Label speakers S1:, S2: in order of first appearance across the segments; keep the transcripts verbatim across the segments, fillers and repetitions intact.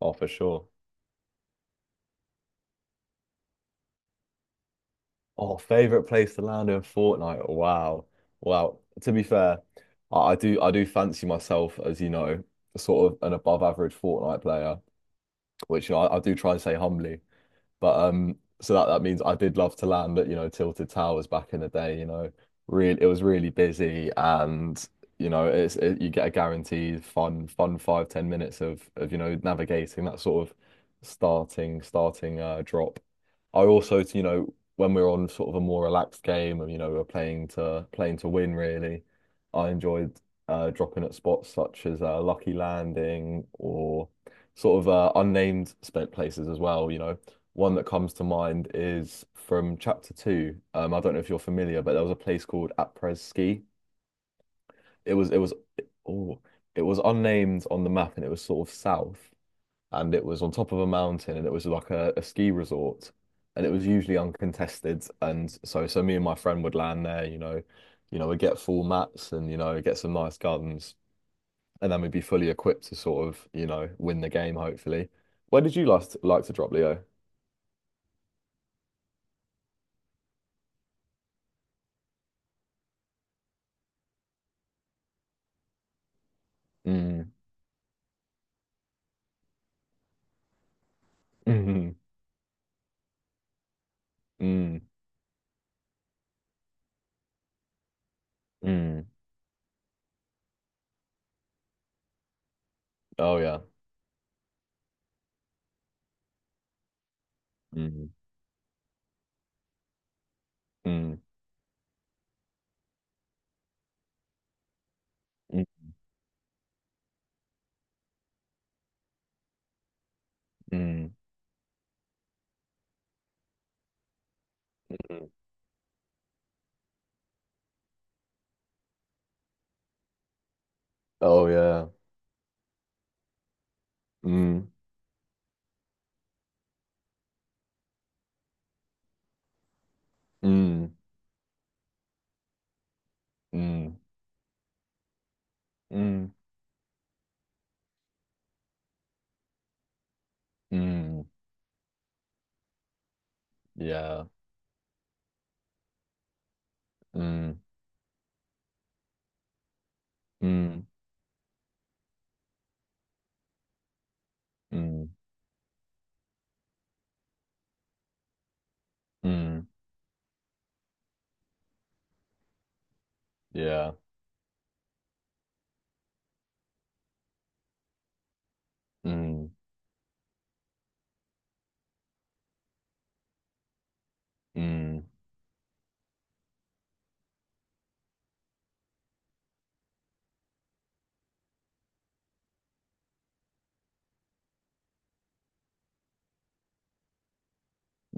S1: Oh, for sure. Oh, favorite place to land in Fortnite. Wow. Wow. To be fair, I, I do I do fancy myself, as you know, sort of an above average Fortnite player, which I, I do try and say humbly. But um so that, that means I did love to land at, you know, Tilted Towers back in the day, you know. Really, it was really busy, and you know, it's it, you get a guaranteed fun, fun five, ten minutes of of, you know, navigating that sort of starting starting uh drop. I also, you know, when we're on sort of a more relaxed game, and you know we're playing to playing to win really, I enjoyed uh, dropping at spots such as uh, Lucky Landing or sort of uh, unnamed spent places as well. You know, one that comes to mind is from Chapter Two. Um, I don't know if you're familiar, but there was a place called Apres Ski. It was it was oh, it was unnamed on the map, and it was sort of south, and it was on top of a mountain, and it was like a, a ski resort, and it was usually uncontested. And so so me and my friend would land there, you know you know we'd get full mats, and you know get some nice guns, and then we'd be fully equipped to sort of you know win the game hopefully. Where did you last like to drop, Leo? Mm. Mm. Mm. Mm. Oh, yeah. Mm. Mm. Mm. Mm. Mm. Oh, yeah. Mm. Mm. Mm. Mm. Mm. Yeah. Mm. Mm. Mm. Mm, yeah. Mm, mm,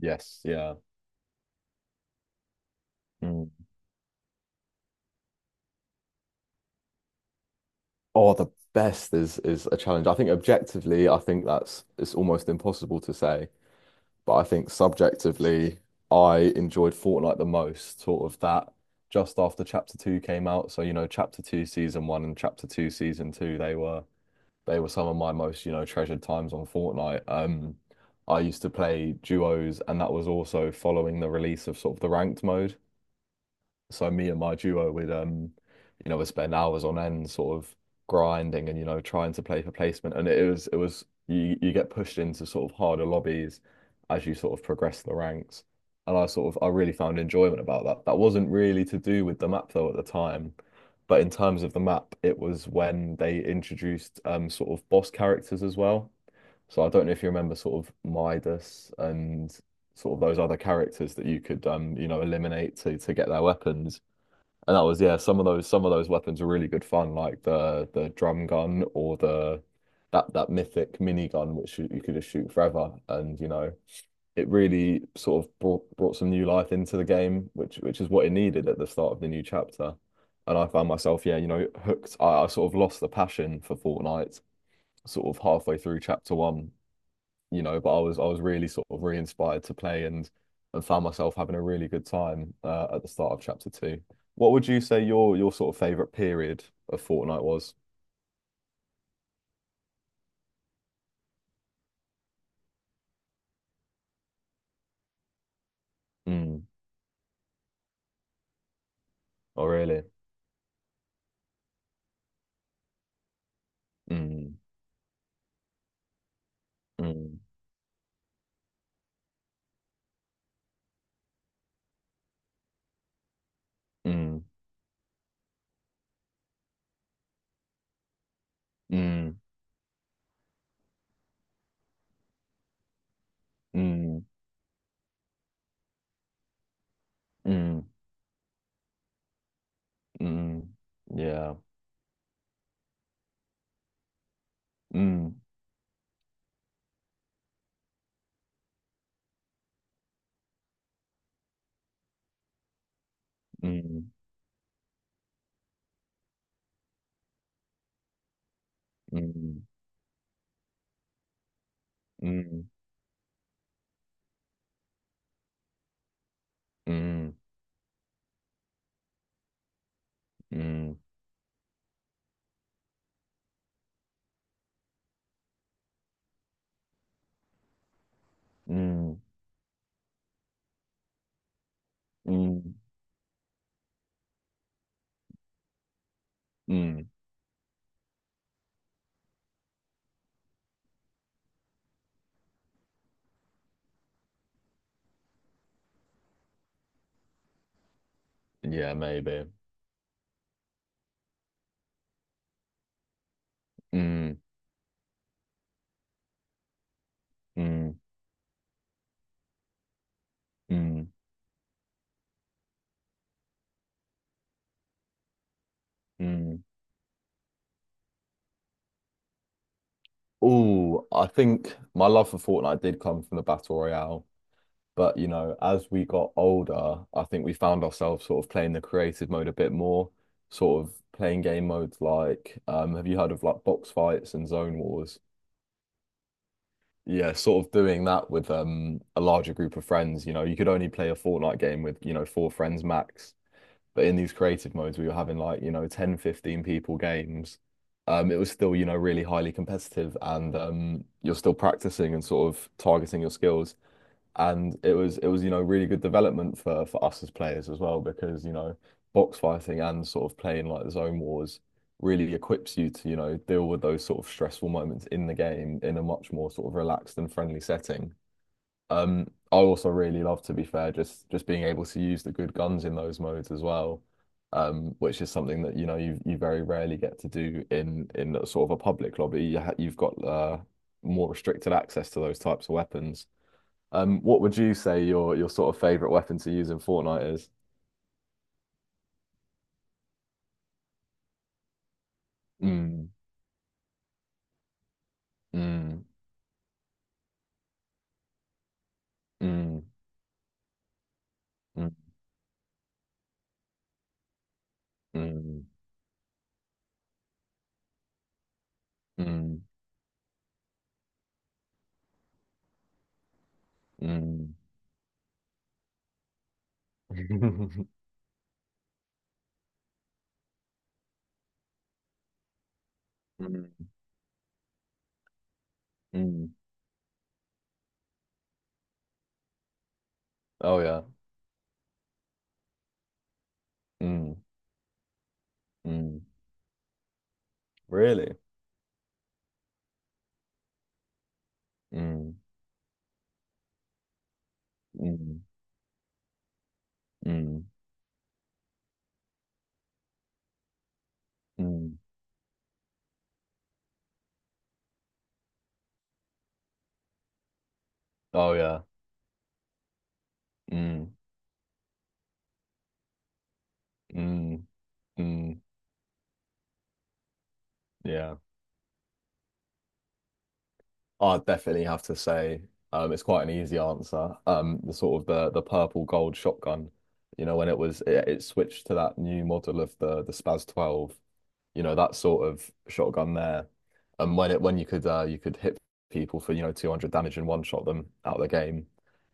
S1: yes. Yeah. Mm. Oh, the best is is a challenge. I think objectively, I think that's it's almost impossible to say, but I think subjectively, I enjoyed Fortnite the most, sort of that just after Chapter Two came out. So, you know, Chapter Two Season One and Chapter Two Season Two, they were they were some of my most, you know, treasured times on Fortnite. Um, I used to play duos, and that was also following the release of sort of the ranked mode. So me and my duo would um you know would spend hours on end sort of grinding, and you know trying to play for placement, and it was it was you you get pushed into sort of harder lobbies as you sort of progress the ranks. And I sort of I really found enjoyment about that, that wasn't really to do with the map though at the time, but in terms of the map, it was when they introduced um sort of boss characters as well. So I don't know if you remember sort of Midas and sort of those other characters that you could um you know eliminate to to get their weapons. And that was, yeah, some of those some of those weapons were really good fun, like the the drum gun or the that that mythic mini gun, which you, you could just shoot forever. And you know, it really sort of brought brought some new life into the game, which which is what it needed at the start of the new chapter. And I found myself, yeah, you know, hooked. I, I sort of lost the passion for Fortnite sort of halfway through chapter one, you know, but I was I was really sort of re-inspired to play, and and found myself having a really good time uh, at the start of chapter two. What would you say your your sort of favorite period of Fortnite was? Mm. Oh, really? Mm. Mm. Mm. Mm. Mm. Mm. Mm. Yeah. Mm. Mm. Mm. Mm. Mm. Mm. Mm. Mm. Mm. Yeah, maybe. Mm. Mm. Mm. Mm. Oh, I think my love for Fortnite did come from the Battle Royale. But, you know, as we got older, I think we found ourselves sort of playing the creative mode a bit more, sort of playing game modes like, um, have you heard of like box fights and zone wars? Yeah, sort of doing that with um, a larger group of friends. You know, you could only play a Fortnite game with, you know, four friends max. But in these creative modes, we were having like, you know, ten, fifteen people games. Um, it was still, you know, really highly competitive, and um, you're still practicing and sort of targeting your skills. And it was it was, you know, really good development for for us as players as well, because, you know, box fighting and sort of playing like the zone wars really equips you to, you know, deal with those sort of stressful moments in the game in a much more sort of relaxed and friendly setting. Um, I also really love, to be fair, just just being able to use the good guns in those modes as well, um, which is something that you know you you very rarely get to do in in a sort of a public lobby. You ha you've got uh, more restricted access to those types of weapons. Um, what would you say your your sort of favorite weapon to use in Fortnite is? Mm, mm, mm, mm, mm, mm, mm. Mm, mm. Oh, yeah. Mm, mm. Really? Mm, mm. Mm, mm. Oh, yeah. Mm, mm, mm, yeah. i definitely have to say, um, it's quite an easy answer. Um, the sort of the the purple gold shotgun, you know, when it was it, it switched to that new model of the the Spaz twelve, you know, that sort of shotgun there. And when it when you could uh, you could hit people for, you know, two hundred damage, and one shot them out of the game.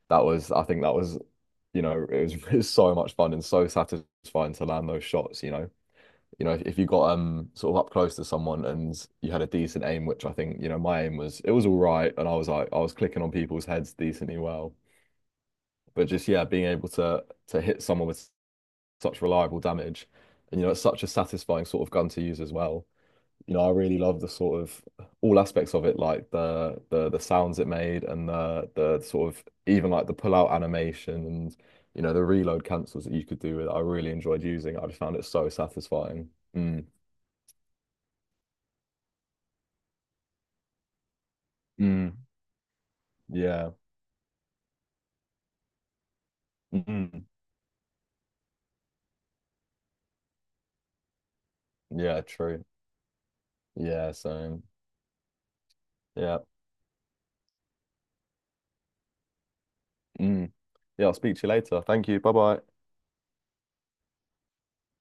S1: That was, I think that was, you know, it was, it was so much fun and so satisfying to land those shots, you know. You know, if, if you got um sort of up close to someone, and you had a decent aim, which I think, you know, my aim was it was all right, and I was like I was clicking on people's heads decently well. But just, yeah, being able to to hit someone with such reliable damage, and you know, it's such a satisfying sort of gun to use as well. You know, I really love the sort of all aspects of it, like the the the sounds it made, and the the sort of even like the pull out animation, and you know, the reload cancels that you could do with it. I really enjoyed using it. I just found it so satisfying. Mm. Mm. Yeah. Mm. Yeah, true. Yeah, same. Yeah. Mm. Yeah, I'll speak to you later. Thank you. Bye bye.